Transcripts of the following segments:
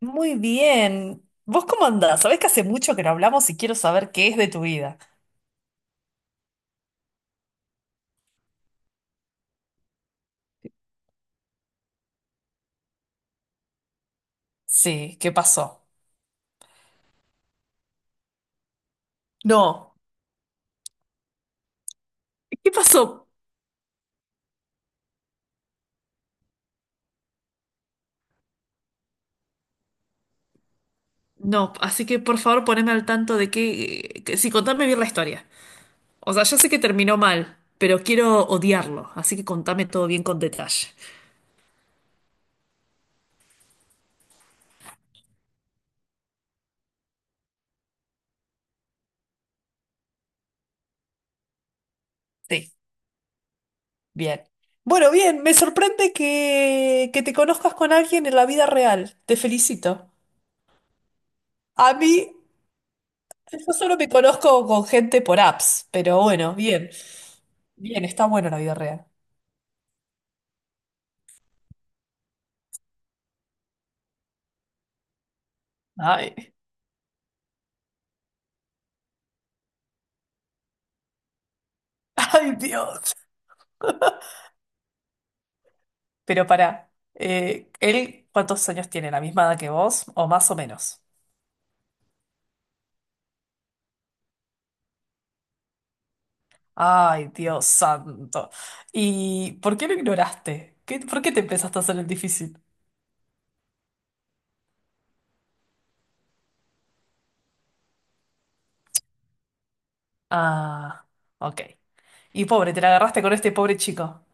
Muy bien. ¿Vos cómo andás? Sabés que hace mucho que no hablamos y quiero saber qué es de tu vida. Sí, ¿qué pasó? No, ¿qué pasó? No, así que por favor poneme al tanto de qué, sí, contame bien la historia. O sea, yo sé que terminó mal, pero quiero odiarlo, así que contame todo bien con detalle. Sí, bien. Bueno, bien, me sorprende que te conozcas con alguien en la vida real. Te felicito. A mí, yo solo me conozco con gente por apps, pero bueno, bien. Bien, está bueno la vida real. Ay, ay, Dios. Pero para, ¿él cuántos años tiene? ¿La misma edad que vos? ¿O más o menos? Ay, Dios santo. ¿Y por qué lo ignoraste? ¿Por qué te empezaste a hacer el difícil? Ah, ok. Y pobre, te la agarraste con este pobre chico.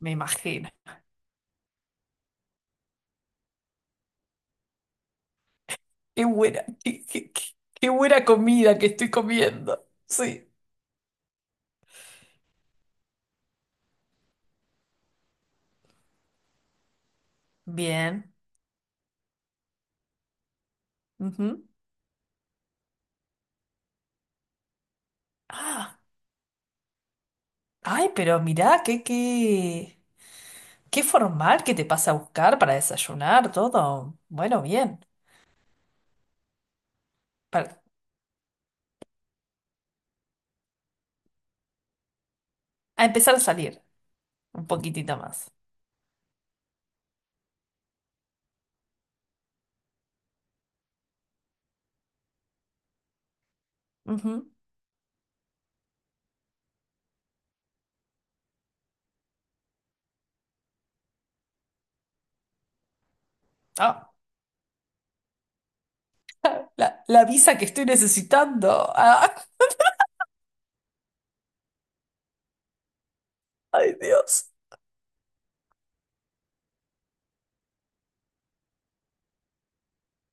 Me imagino. Qué buena, qué, qué- qué- qué buena comida que estoy comiendo. Sí. Bien. Ujú. Ah, ay, pero mirá, qué. Qué formal que te pasa a buscar para desayunar, todo. Bueno, bien. Para, a empezar a salir un poquitito más. Ujú. Ah, la visa que estoy necesitando. Ah, ay, Dios.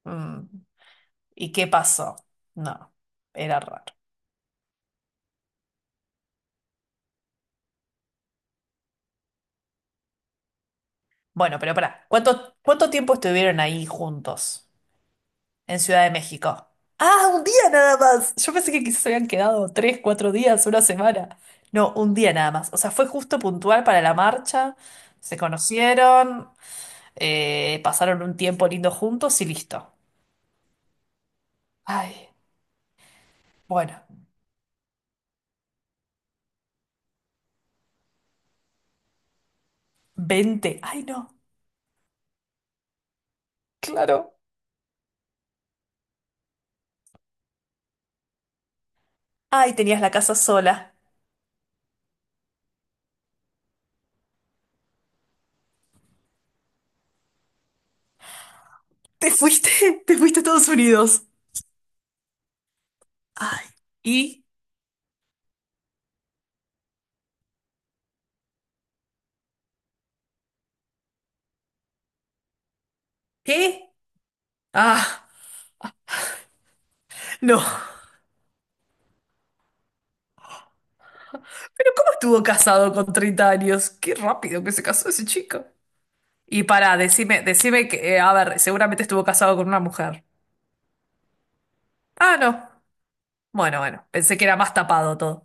Mm, ¿Y qué pasó? No, era raro. Bueno, pero pará, ¿cuánto tiempo estuvieron ahí juntos? En Ciudad de México. Ah, un día nada más. Yo pensé que quizás se habían quedado 3, 4 días, una semana. No, un día nada más. O sea, fue justo puntual para la marcha. Se conocieron, pasaron un tiempo lindo juntos y listo. Ay, bueno, 20. Ay, no, claro. Ay, tenías la casa sola. Te fuiste, te fuiste a Estados Unidos. Ay, ¿y qué? Ah, no. Pero ¿cómo estuvo casado con 30 años? Qué rápido que se casó ese chico. Y para, decime que, a ver, seguramente estuvo casado con una mujer. Ah, no. Bueno, bueno, pensé que era más tapado todo.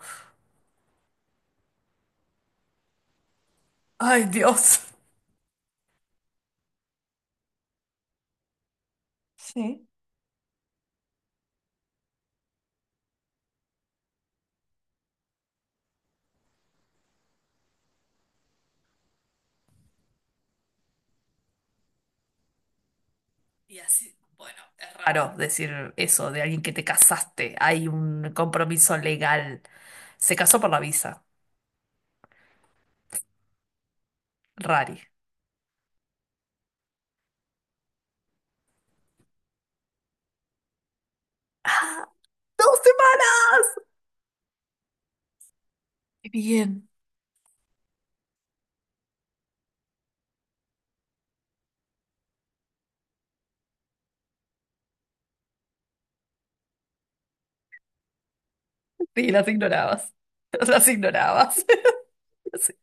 Ay, Dios. Sí. Y así, bueno, es raro decir eso de alguien que te casaste. Hay un compromiso legal. Se casó por la visa. Rari. ¡Ah! ¡2 semanas! ¡Qué bien! Sí, las ignorabas. Las ignorabas. Sí.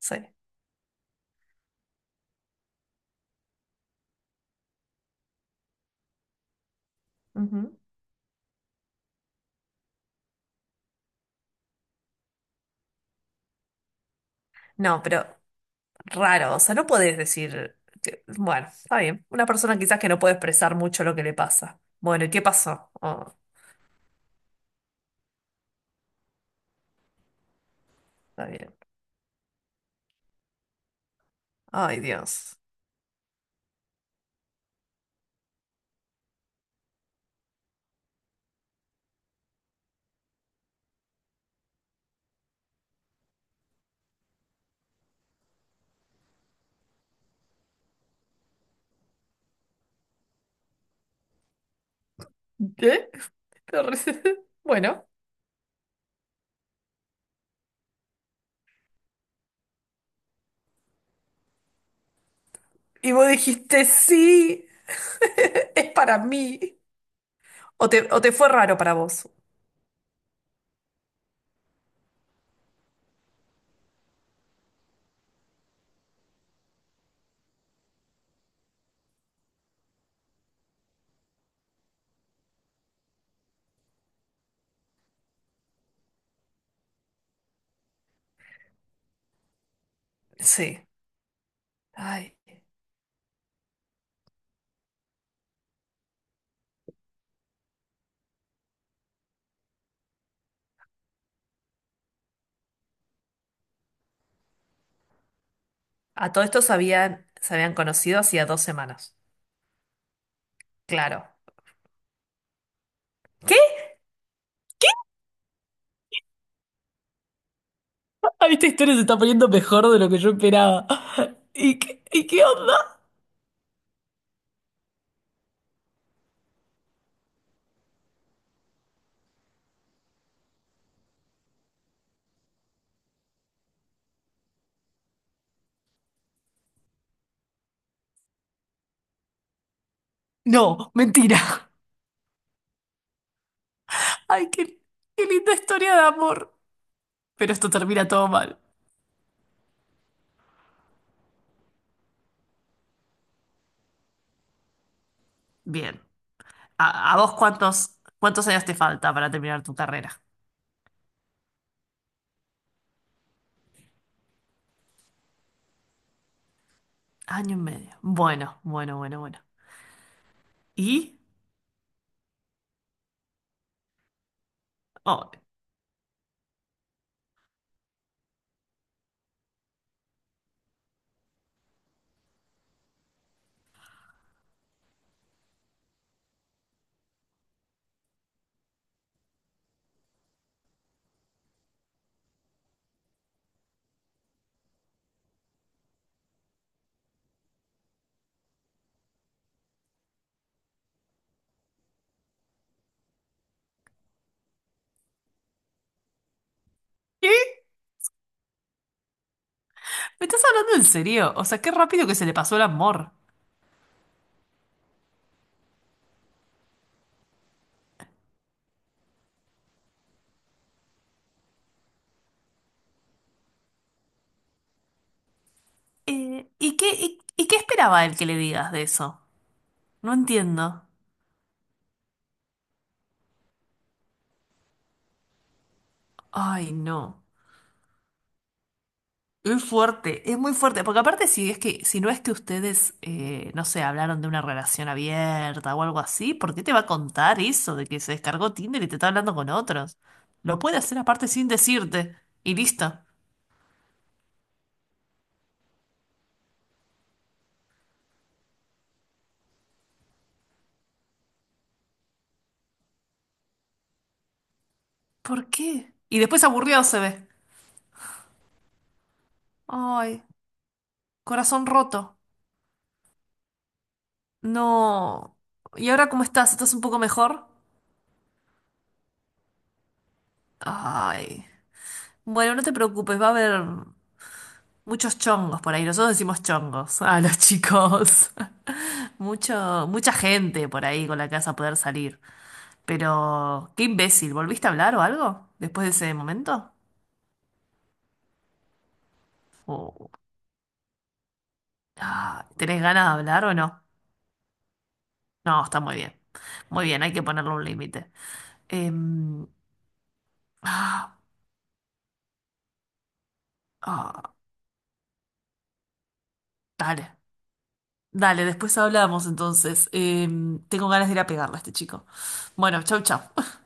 Sí. Ujú. No, pero raro, o sea, no podés decir, bueno, está bien, una persona quizás que no puede expresar mucho lo que le pasa. Bueno, ¿y qué pasó? Oh, está bien. Ay, Dios. ¿Qué? Te re- Bueno, y vos dijiste, sí, es para mí. ¿O te fue raro para vos? Sí. Ay. A todo esto se habían conocido hacía 2 semanas. Claro. ¿Qué? Ah, esta historia se está poniendo mejor de lo que yo esperaba. ¿Y qué onda? No, mentira. Ay, qué linda historia de amor. Pero esto termina todo mal. Bien. ¿A vos cuántos años te falta para terminar tu carrera? Año y medio. Bueno, bueno, bueno, bueno. ¿Y? Oh, ¿qué? ¿Me estás hablando en serio? O sea, qué rápido que se le pasó el amor. ¿Y qué esperaba él que le digas de eso? No entiendo. Ay, no. Es fuerte, es muy fuerte, porque aparte si es que, si no es que ustedes, no sé, hablaron de una relación abierta o algo así, ¿por qué te va a contar eso de que se descargó Tinder y te está hablando con otros? Lo puede hacer aparte sin decirte, y listo. ¿Por qué? Y después aburrido se ve. Ay, corazón roto. No. ¿Y ahora cómo estás? ¿Estás un poco mejor? Ay. Bueno, no te preocupes, va a haber. Muchos chongos por ahí. Nosotros decimos chongos a los chicos. Mucha gente por ahí con la que vas a poder salir. Pero, qué imbécil. ¿Volviste a hablar o algo después de ese momento? O- ah, ¿tenés ganas de hablar o no? No, está muy bien. Muy bien, hay que ponerle un límite. Em, ah, ah, Dale. Dale, después hablamos entonces. Tengo ganas de ir a pegarle a este chico. Bueno, chau, chau.